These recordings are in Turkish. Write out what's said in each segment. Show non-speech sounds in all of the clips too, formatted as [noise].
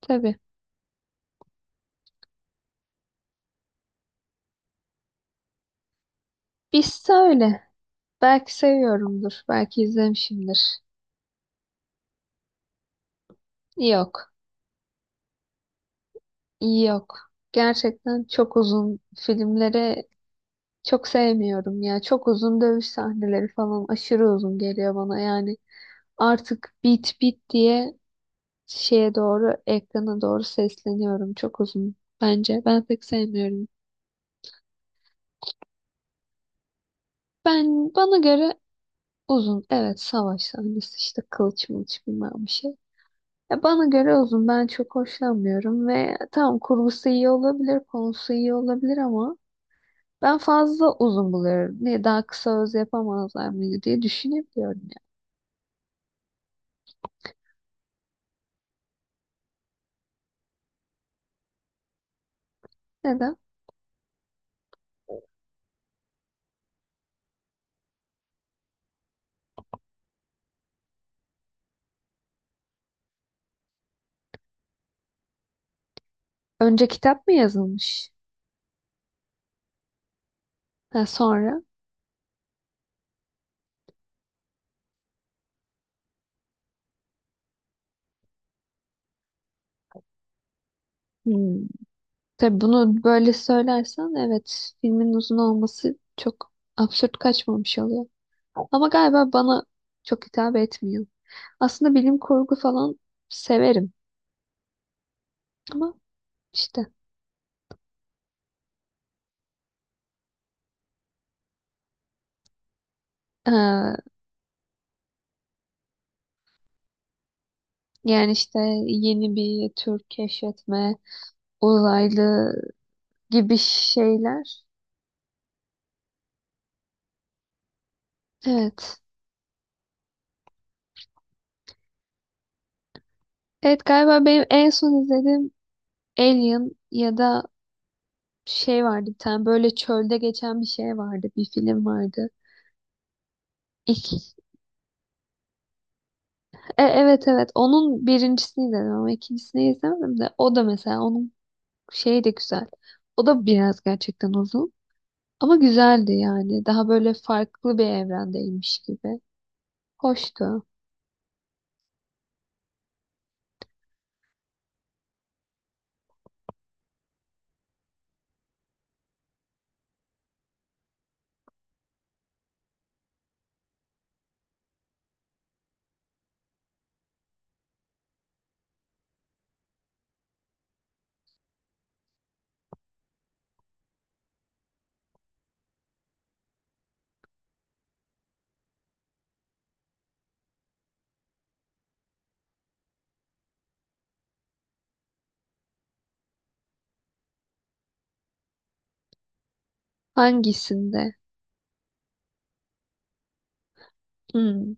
Tabii. Biz öyle. Belki seviyorumdur. Belki izlemişimdir. Yok. Yok. Gerçekten çok uzun filmleri çok sevmiyorum ya. Çok uzun dövüş sahneleri falan aşırı uzun geliyor bana. Yani artık bit diye ekrana doğru sesleniyorum. Çok uzun bence. Ben pek sevmiyorum. Ben bana göre uzun. Evet, savaş sahnesi işte kılıç mılıç bilmem bir şey. Ya bana göre uzun. Ben çok hoşlanmıyorum ve tamam kurgusu iyi olabilir, konusu iyi olabilir ama ben fazla uzun buluyorum. Niye daha kısa öz yapamazlar mıydı diye düşünebiliyorum ya. Neden? Önce kitap mı yazılmış? Ha, sonra? Hmm. Tabii bunu böyle söylersen evet filmin uzun olması çok absürt kaçmamış oluyor. Ama galiba bana çok hitap etmiyor. Aslında bilim kurgu falan severim ama işte. Yani işte yeni bir tür keşfetme, uzaylı gibi şeyler. Evet. Evet galiba benim en son izlediğim Alien ya da şey vardı bir tane böyle çölde geçen bir şey vardı. Bir film vardı. İki. Evet evet onun birincisini izledim ama ikincisini izlemedim de o da mesela onun şeyi de güzel. O da biraz gerçekten uzun ama güzeldi yani. Daha böyle farklı bir evrendeymiş gibi. Hoştu. Hangisinde? Hmm.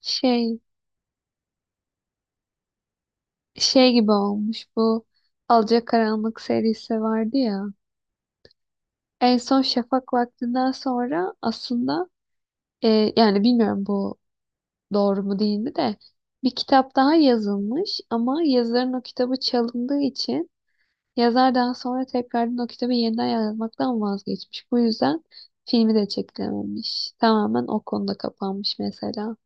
Şey, şey gibi olmuş bu Alacakaranlık serisi vardı ya. En son şafak vaktinden sonra aslında yani bilmiyorum bu doğru mu değil mi de bir kitap daha yazılmış ama yazarın o kitabı çalındığı için yazar daha sonra tekrardan o kitabı yeniden yazmaktan vazgeçmiş. Bu yüzden filmi de çekilememiş. Tamamen o konuda kapanmış mesela.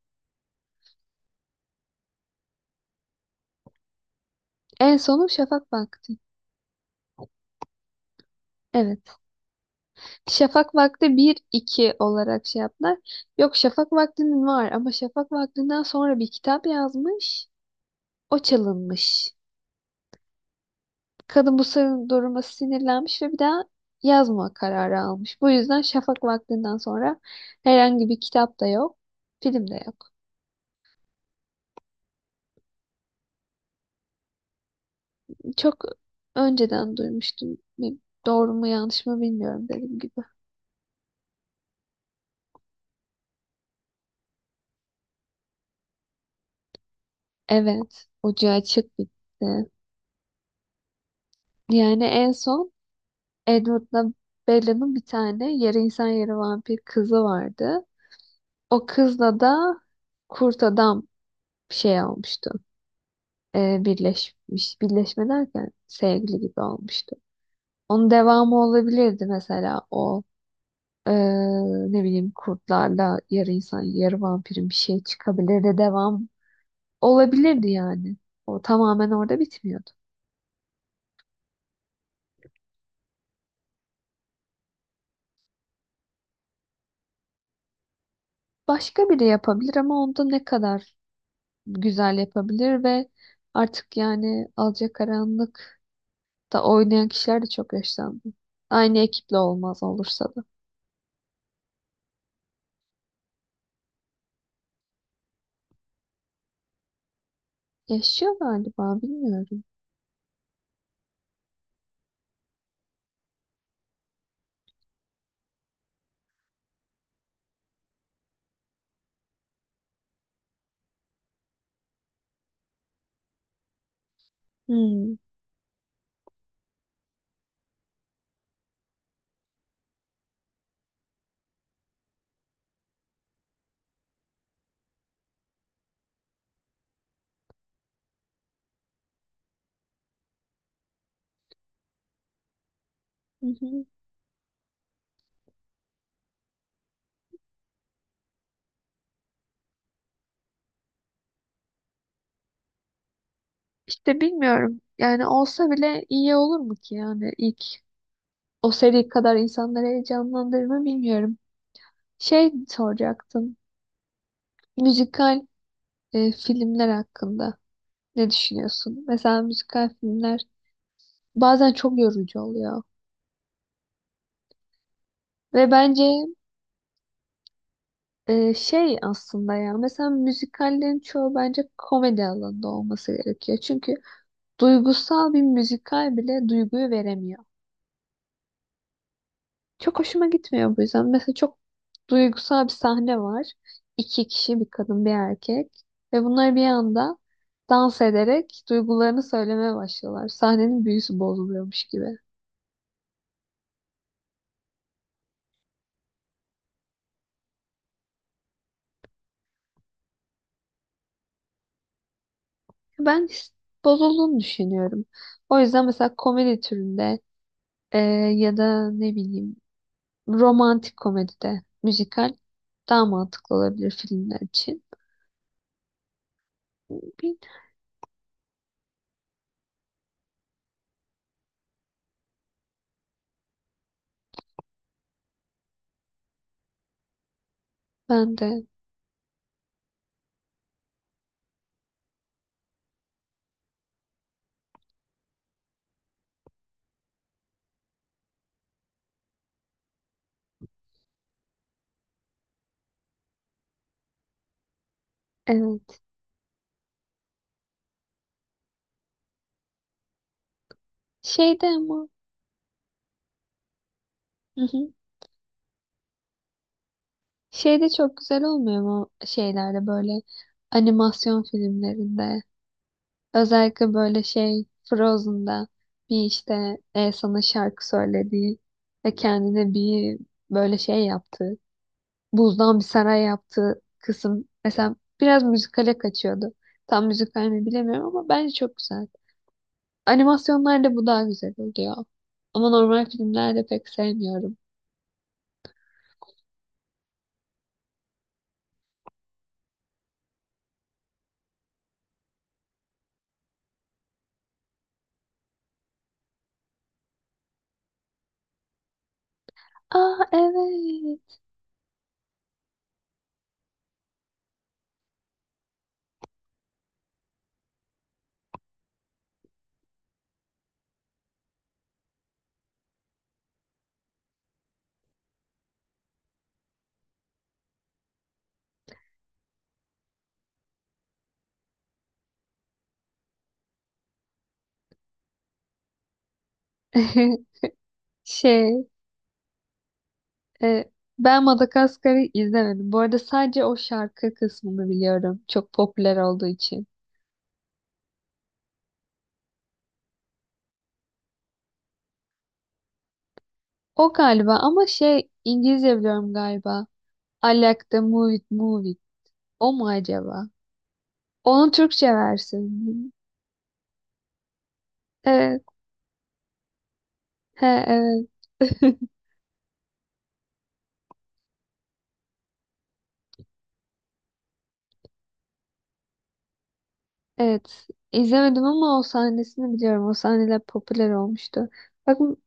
En sonu Şafak Vakti. Evet. Şafak Vakti bir iki olarak şey yaptılar. Yok Şafak Vakti'nin var ama Şafak Vakti'nden sonra bir kitap yazmış. O çalınmış. Kadın bu sırrın duruma sinirlenmiş ve bir daha yazma kararı almış. Bu yüzden şafak vaktinden sonra herhangi bir kitap da yok, film de yok. Çok önceden duymuştum. Bir- Doğru mu yanlış mı bilmiyorum dediğim gibi. Evet, ucu açık bitti. Yani en son Edward'la Bella'nın bir tane yarı insan yarı vampir kızı vardı. O kızla da kurt adam şey olmuştu. Birleşmiş. Birleşme derken sevgili gibi olmuştu. Onun devamı olabilirdi mesela o eee, ne bileyim kurtlarla yarı insan yarı vampirin bir şey çıkabilirdi devam olabilirdi yani. O tamamen orada bitmiyordu. Başka biri yapabilir ama onda ne kadar güzel yapabilir ve artık yani Alacakaranlık'ta oynayan kişiler de çok yaşlandı. Aynı ekiple olmaz olursa da. Yaşıyor galiba bilmiyorum. Hmm. Hı hı. İşte bilmiyorum. Yani olsa bile iyi olur mu ki yani ilk o seri kadar insanları heyecanlandırır mı bilmiyorum. Şey soracaktım. Müzikal filmler hakkında ne düşünüyorsun? Mesela müzikal filmler bazen çok yorucu oluyor. Ve bence şey aslında ya mesela müzikallerin çoğu bence komedi alanında olması gerekiyor. Çünkü duygusal bir müzikal bile duyguyu veremiyor. Çok hoşuma gitmiyor bu yüzden. Mesela çok duygusal bir sahne var. İki kişi, bir kadın, bir erkek. Ve bunlar bir anda dans ederek duygularını söylemeye başlıyorlar. Sahnenin büyüsü bozuluyormuş gibi. Ben his- Bozulduğunu düşünüyorum. O yüzden mesela komedi türünde e, ya da ne bileyim romantik komedide müzikal daha mantıklı olabilir filmler için. Bil- Ben de evet. Şeyde ama [laughs] Şey de çok güzel olmuyor mu şeylerde böyle animasyon filmlerinde özellikle böyle şey Frozen'da bir işte Elsa'nın şarkı söylediği ve kendine bir böyle şey yaptığı buzdan bir saray yaptığı kısım mesela biraz müzikale kaçıyordu. Tam müzikal mi bilemiyorum ama bence çok güzel. Animasyonlarda bu daha güzel oluyor. Ama normal filmlerde pek sevmiyorum. Aa evet. [laughs] Şey, e, ben Madagaskar'ı izlemedim. Bu arada sadece o şarkı kısmını biliyorum. Çok popüler olduğu için. O galiba ama şey İngilizce biliyorum galiba. I like the move it, move it. O mu acaba? Onun Türkçe versiyonu. Evet. He, evet. [laughs] Evet, izlemedim ama o sahnesini biliyorum. O sahneler popüler olmuştu. Bakın,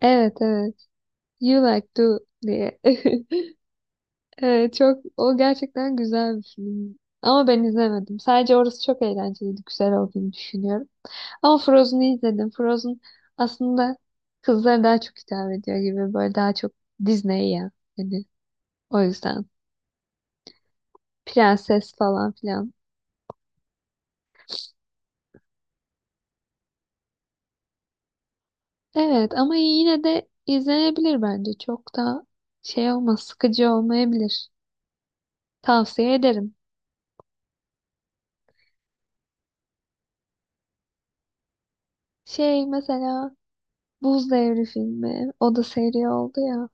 evet evet. You Like To diye. [laughs] Evet, çok o gerçekten güzel bir film. Ama ben izlemedim. Sadece orası çok eğlenceliydi, güzel olduğunu düşünüyorum. Ama Frozen'ı izledim. Frozen aslında kızlara daha çok hitap ediyor gibi böyle daha çok Disney ya. Hani o yüzden prenses falan filan. Evet ama yine de izlenebilir bence. Çok da şey olmaz, sıkıcı olmayabilir. Tavsiye ederim. Şey mesela Buz Devri filmi, o da seri oldu ya.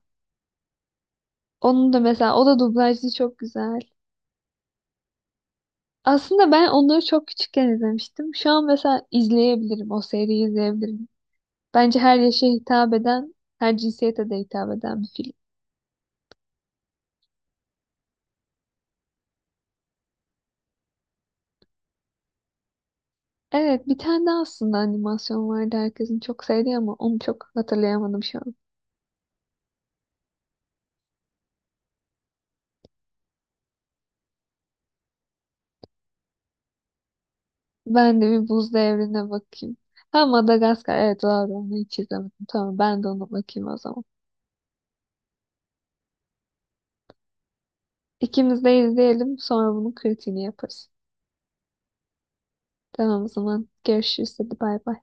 Onun da mesela o da dublajlı çok güzel. Aslında ben onları çok küçükken izlemiştim. Şu an mesela izleyebilirim, o seriyi izleyebilirim. Bence her yaşa hitap eden, her cinsiyete de hitap eden bir film. Evet, bir tane daha aslında animasyon vardı herkesin çok sevdiği ama onu çok hatırlayamadım şu an. Ben de bir buz devrine bakayım. Ha Madagaskar. Evet doğru onu hiç izlemedim. Tamam ben de ona bakayım o zaman. İkimiz de izleyelim sonra bunun kritiğini yaparız. Tamam o zaman görüşürüz hadi bay bay.